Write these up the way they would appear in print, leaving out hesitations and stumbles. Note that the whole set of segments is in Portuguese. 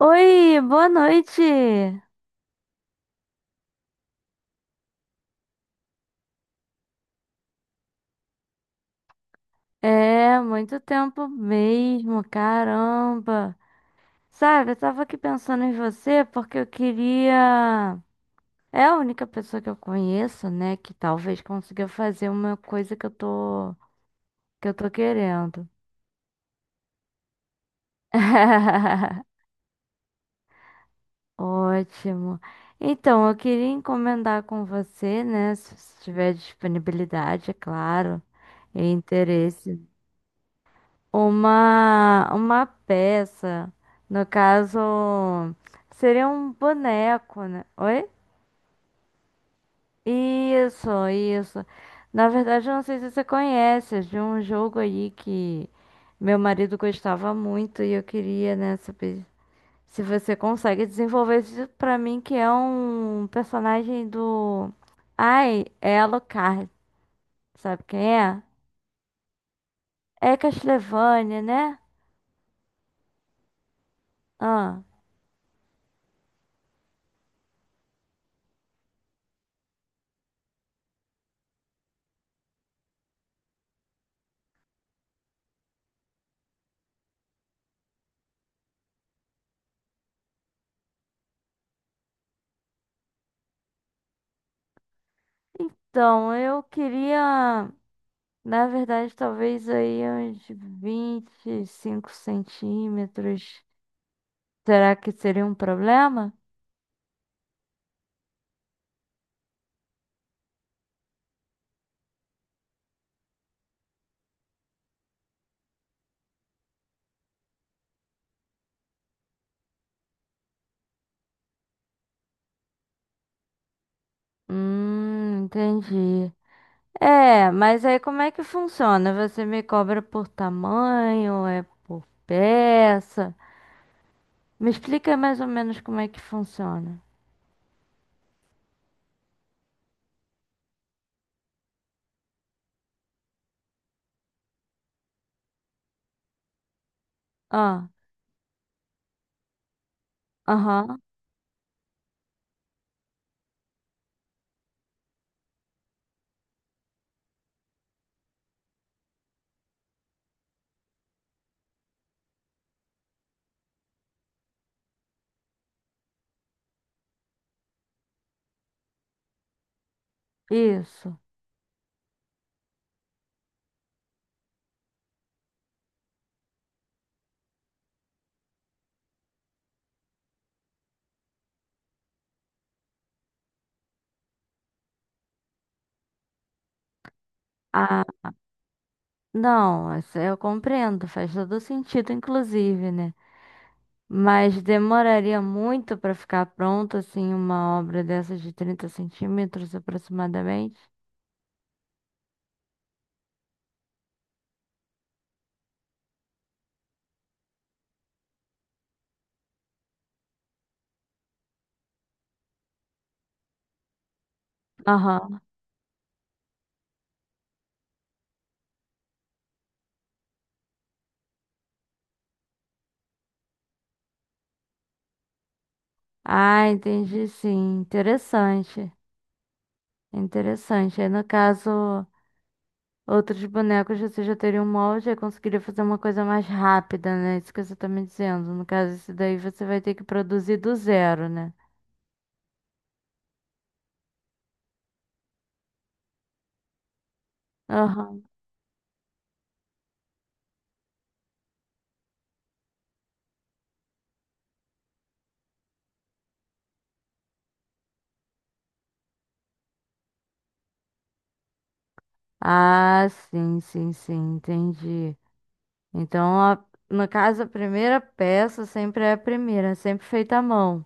Oi, boa noite. É, muito tempo mesmo, caramba. Sabe, eu tava aqui pensando em você porque eu queria. É a única pessoa que eu conheço, né, que talvez consiga fazer uma coisa que eu tô querendo. Ótimo. Então, eu queria encomendar com você, né, se você tiver disponibilidade, é claro, e interesse. Uma peça, no caso, seria um boneco, né? Oi? Isso, isso. Na verdade, eu não sei se você conhece, é de um jogo aí que meu marido gostava muito e eu queria, né, saber se você consegue desenvolver isso pra mim, que é um personagem do... Ai, é Alucard, sabe quem é? É Castlevania, né? Ah, então, eu queria... Na verdade, talvez aí uns 25 centímetros. Será que seria um problema? Entendi. É, mas aí como é que funciona? Você me cobra por tamanho, é por peça? Me explica mais ou menos como é que funciona. Ah, aham, isso. Ah, não, essa eu compreendo, faz todo sentido, inclusive, né? Mas demoraria muito para ficar pronta, assim, uma obra dessas de 30 centímetros aproximadamente? Aham. Ah, entendi, sim. Interessante. Interessante. Aí, no caso, outros bonecos você já teria um molde e conseguiria fazer uma coisa mais rápida, né? Isso que você tá me dizendo. No caso, esse daí você vai ter que produzir do zero, né? Aham. Ah, sim, sim, sim. Entendi. Então, no caso, a primeira peça sempre é a primeira, é sempre feita à mão.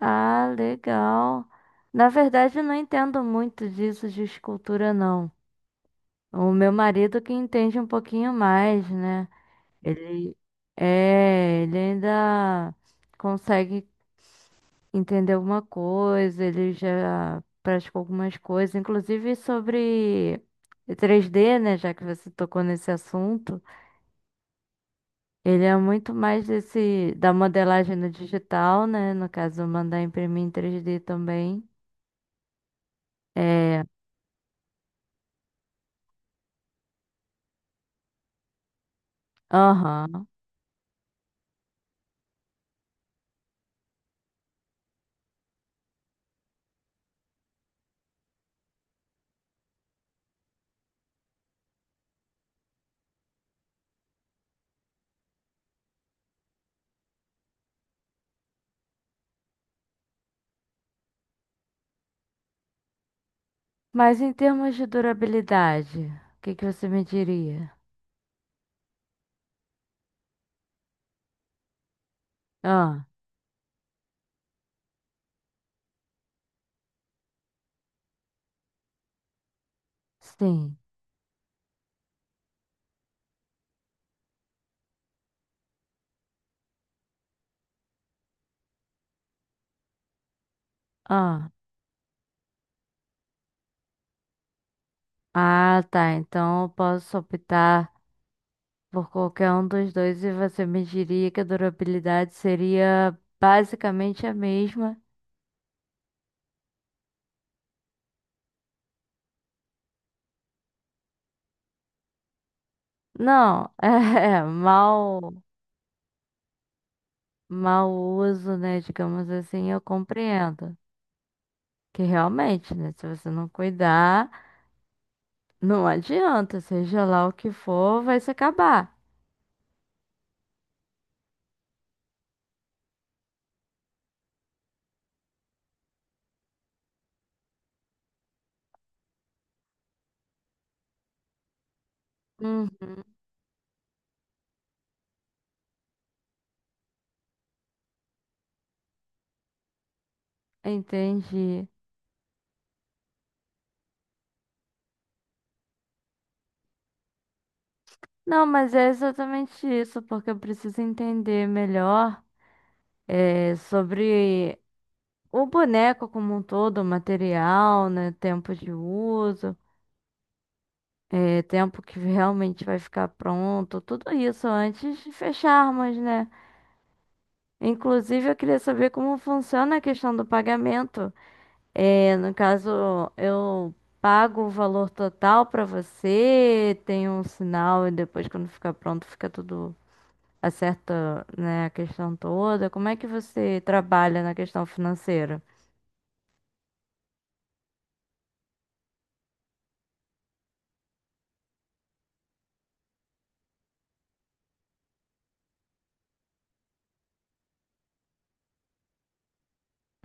Ah, legal. Na verdade, eu não entendo muito disso de escultura, não. O meu marido que entende um pouquinho mais, né? Ele é, ele ainda consegue entender alguma coisa, ele já praticou algumas coisas, inclusive sobre 3D, né? Já que você tocou nesse assunto. Ele é muito mais desse da modelagem no digital, né? No caso, mandar imprimir em 3D também. É, aham. Mas em termos de durabilidade, o que que você me diria? Ah, sim. Ah, ah, tá. Então eu posso optar por qualquer um dos dois e você me diria que a durabilidade seria basicamente a mesma. Não, é, mal, mal uso, né? Digamos assim, eu compreendo. Que realmente, né? Se você não cuidar, não adianta, seja lá o que for, vai se acabar. Uhum, entendi. Não, mas é exatamente isso, porque eu preciso entender melhor é, sobre o boneco como um todo, o material, né? Tempo de uso, é, tempo que realmente vai ficar pronto, tudo isso antes de fecharmos, né? Inclusive, eu queria saber como funciona a questão do pagamento. É, no caso, eu pago o valor total pra você, tem um sinal e depois quando ficar pronto fica tudo acerta, né, a questão toda. Como é que você trabalha na questão financeira?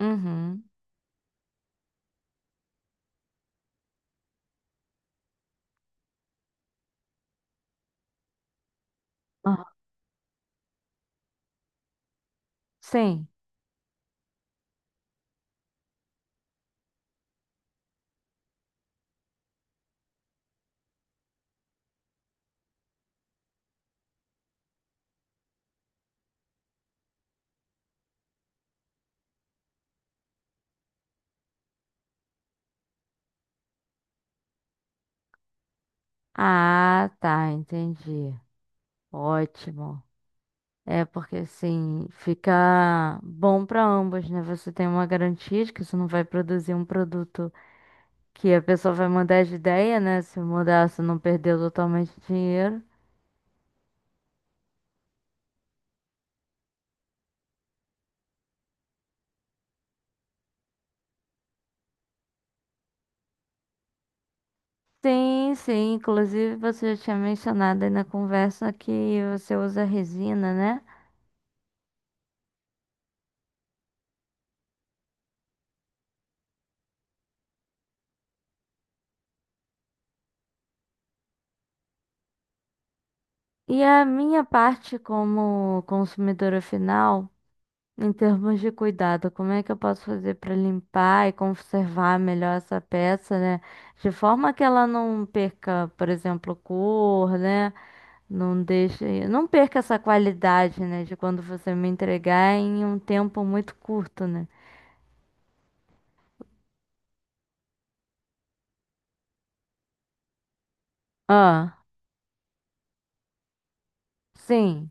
Uhum. Ah, sim. Ah, tá, entendi. Ótimo. É porque assim fica bom pra ambos, né? Você tem uma garantia de que você não vai produzir um produto que a pessoa vai mudar de ideia, né? Se mudar, se não perdeu totalmente o dinheiro. Sim, sim. Inclusive, você já tinha mencionado aí na conversa que você usa resina, né? E a minha parte como consumidora final, em termos de cuidado, como é que eu posso fazer para limpar e conservar melhor essa peça, né? De forma que ela não perca, por exemplo, cor, né? Não deixe, não perca essa qualidade, né, de quando você me entregar em um tempo muito curto, né? Ah, sim.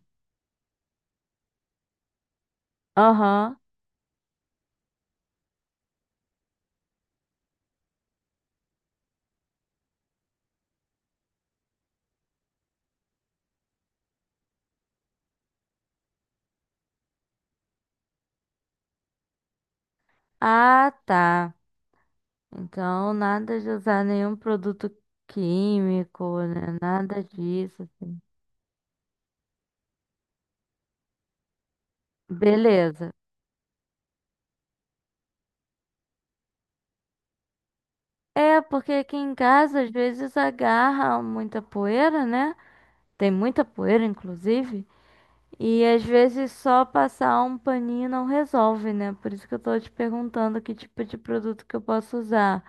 Aham. Ah, tá. Então, nada de usar nenhum produto químico, né? Nada disso. Beleza. É, porque aqui em casa às vezes agarra muita poeira, né? Tem muita poeira, inclusive. E às vezes só passar um paninho não resolve, né? Por isso que eu tô te perguntando que tipo de produto que eu posso usar.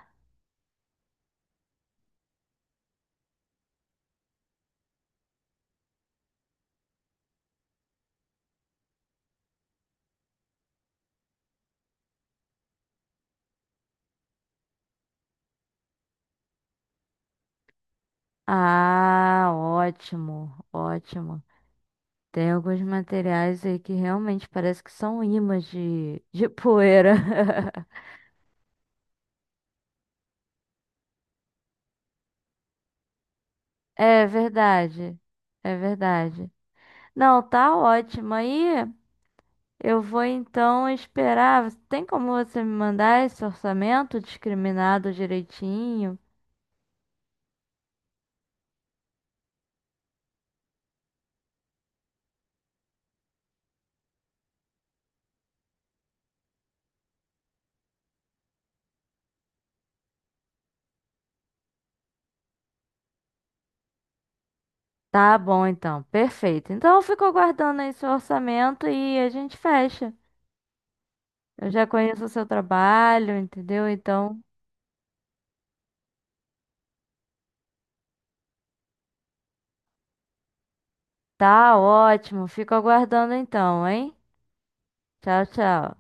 Ah, ótimo, ótimo. Tem alguns materiais aí que realmente parece que são ímãs de poeira. É verdade, é verdade. Não, tá ótimo. Aí eu vou então esperar. Tem como você me mandar esse orçamento discriminado direitinho? Tá bom, então. Perfeito. Então eu fico aguardando aí seu orçamento e a gente fecha. Eu já conheço o seu trabalho, entendeu? Então, tá ótimo. Fico aguardando então, hein? Tchau, tchau.